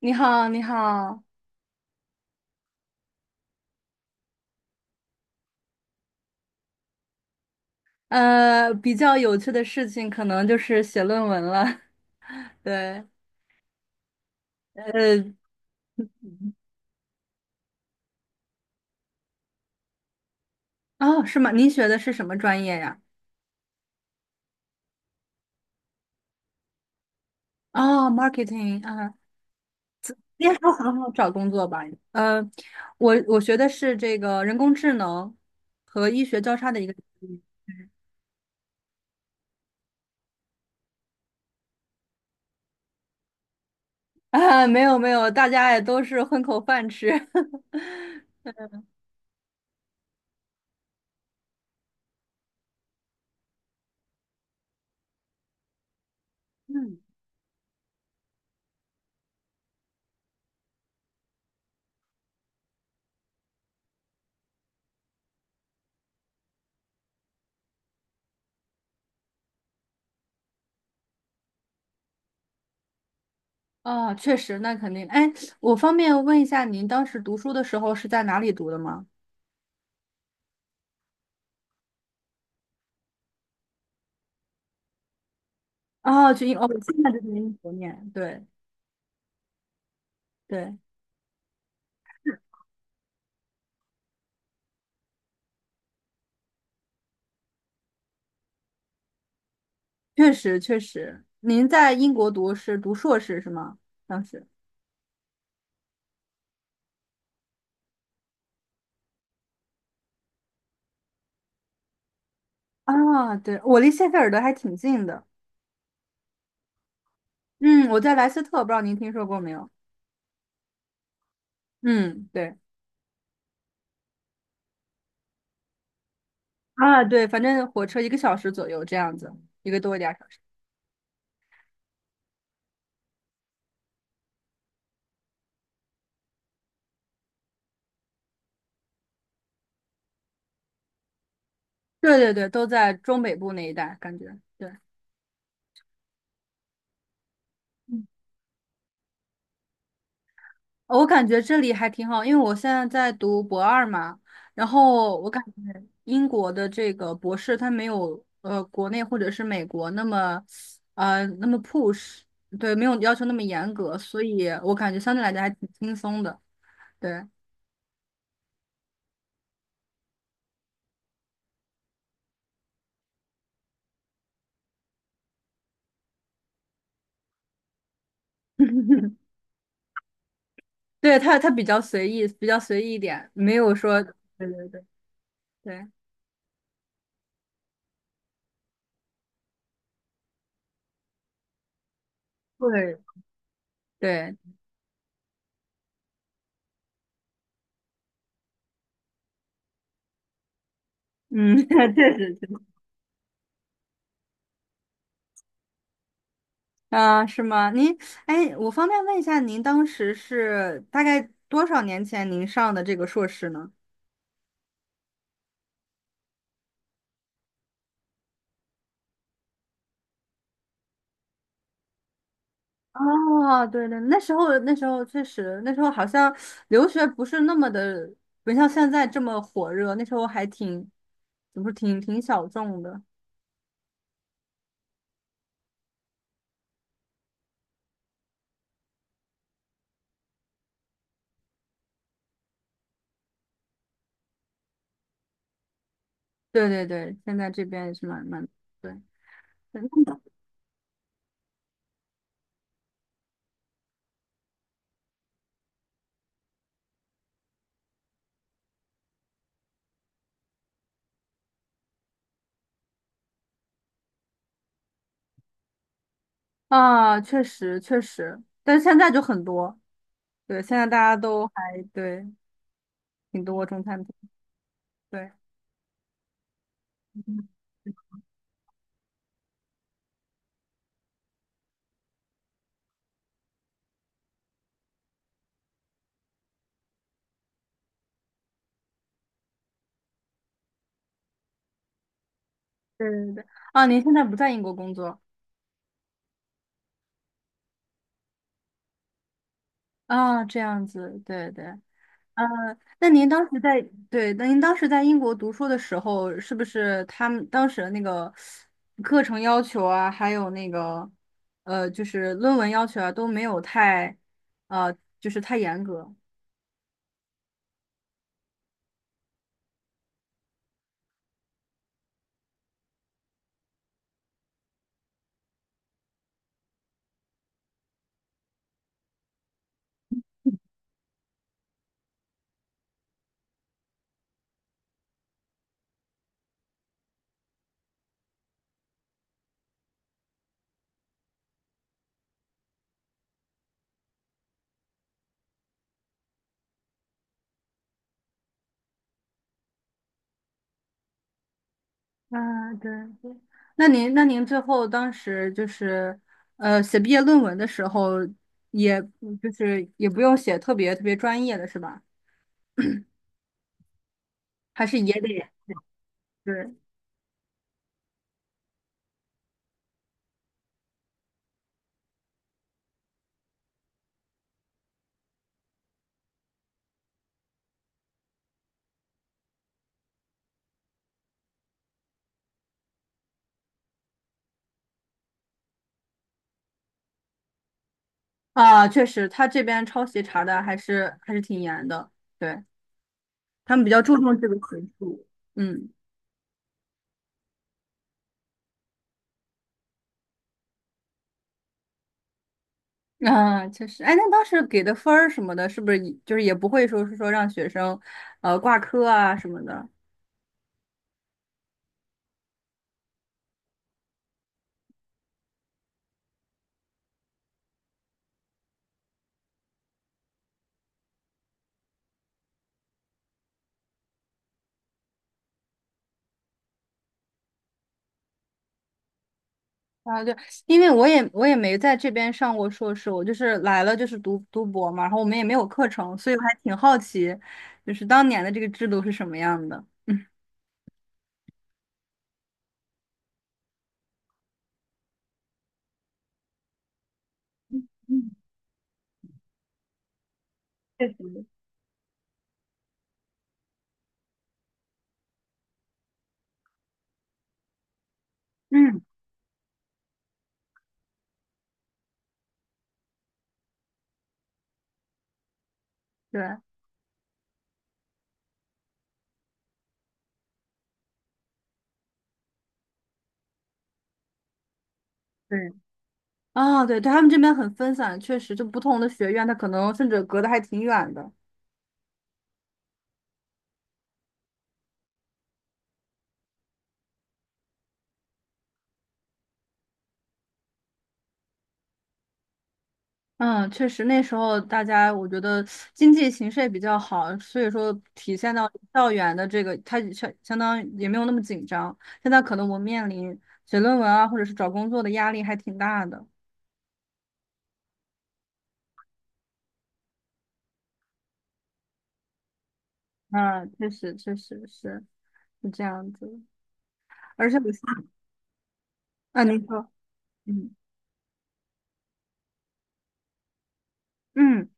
你好，你好，比较有趣的事情可能就是写论文了。对，呃，哦，是吗？您学的是什么专业呀？哦，marketing 啊，应该说很好找工作吧？呃，我学的是这个人工智能和医学交叉的一个领域啊，没有没有，大家也都是混口饭吃。嗯，啊，确实，那肯定。哎，我方便问一下，您当时读书的时候是在哪里读的吗？哦，去英，哦，我现在就是英国念，对对，确实确实。您在英国读是读硕士是吗？当时啊，对，我离谢菲尔德还挺近的。嗯，我在莱斯特，不知道您听说过没有？嗯，对啊，对，反正火车一个小时左右这样子，一个多一点儿小时。对对对，都在中北部那一带，感觉对。哦我感觉这里还挺好，因为我现在在读博二嘛，然后我感觉英国的这个博士他没有国内或者是美国那么那么 push，对，没有要求那么严格，所以我感觉相对来讲还挺轻松的，对，对他比较随意，比较随意一点，没有说，对对对对对对，嗯，确实啊，是吗？您，哎，我方便问一下，您当时是大概多少年前您上的这个硕士呢？哦，对对，那时候那时候确实，那时候好像留学不是那么的，不像现在这么火热，那时候还挺，怎么说，挺挺小众的。对对对，现在这边也是蛮蛮，对，对啊，确实确实，但是现在就很多，对，现在大家都还对挺多中餐厅，对。对对对，啊，您现在不在英国工作啊，这样子，对对，那您当时在，对，那您当时在英国读书的时候，是不是他们当时的那个课程要求啊，还有那个就是论文要求啊，都没有太呃，就是太严格？啊，对对。那您那您最后当时就是写毕业论文的时候也，就是也不用写特别特别专业的是吧？还是也得。对。啊，确实，他这边抄袭查的还是还是挺严的，对，他们比较注重这个学术，嗯，啊，确实，哎，那当时给的分儿什么的，是不是也就是也不会说是说让学生，挂科啊什么的啊？对，因为我也没在这边上过硕士，我就是来了就是读读博嘛，然后我们也没有课程，所以我还挺好奇，就是当年的这个制度是什么样的，嗯嗯，对。对。啊，对对，他们这边很分散，确实，就不同的学院，它可能甚至隔得还挺远的。嗯，确实，那时候大家我觉得经济形势也比较好，所以说体现到校园的这个，它也相当于也没有那么紧张。现在可能我们面临写论文啊，或者是找工作的压力还挺大的。啊，确实，确实是是这样子。而且我现啊，您说，嗯嗯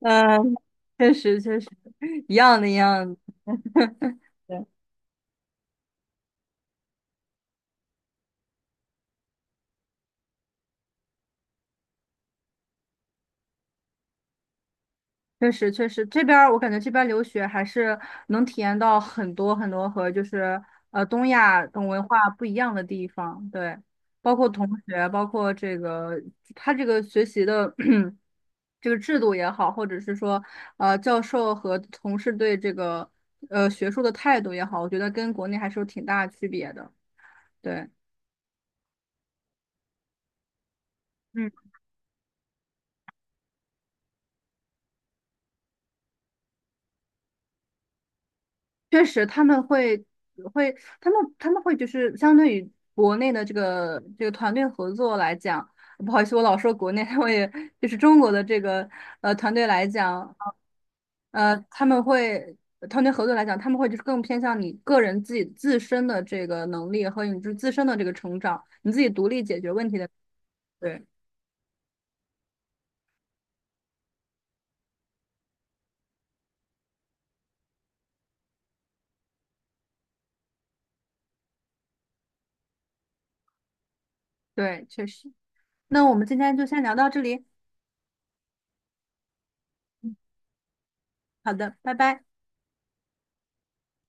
嗯，确实确实一样的一样的。确实，确实，这边儿我感觉这边儿留学还是能体验到很多很多和就是东亚等文化不一样的地方，对，包括同学，包括这个他这个学习的 这个制度也好，或者是说教授和同事对这个学术的态度也好，我觉得跟国内还是有挺大区别的，对。确实，他们会会，他们他们会就是相对于国内的这个这个团队合作来讲，不好意思，我老说国内，我也就是中国的这个团队来讲，他们会团队合作来讲，他们会就是更偏向你个人自己自身的这个能力和你自身的这个成长，你自己独立解决问题的。对对，确实。那我们今天就先聊到这里，好的，拜拜。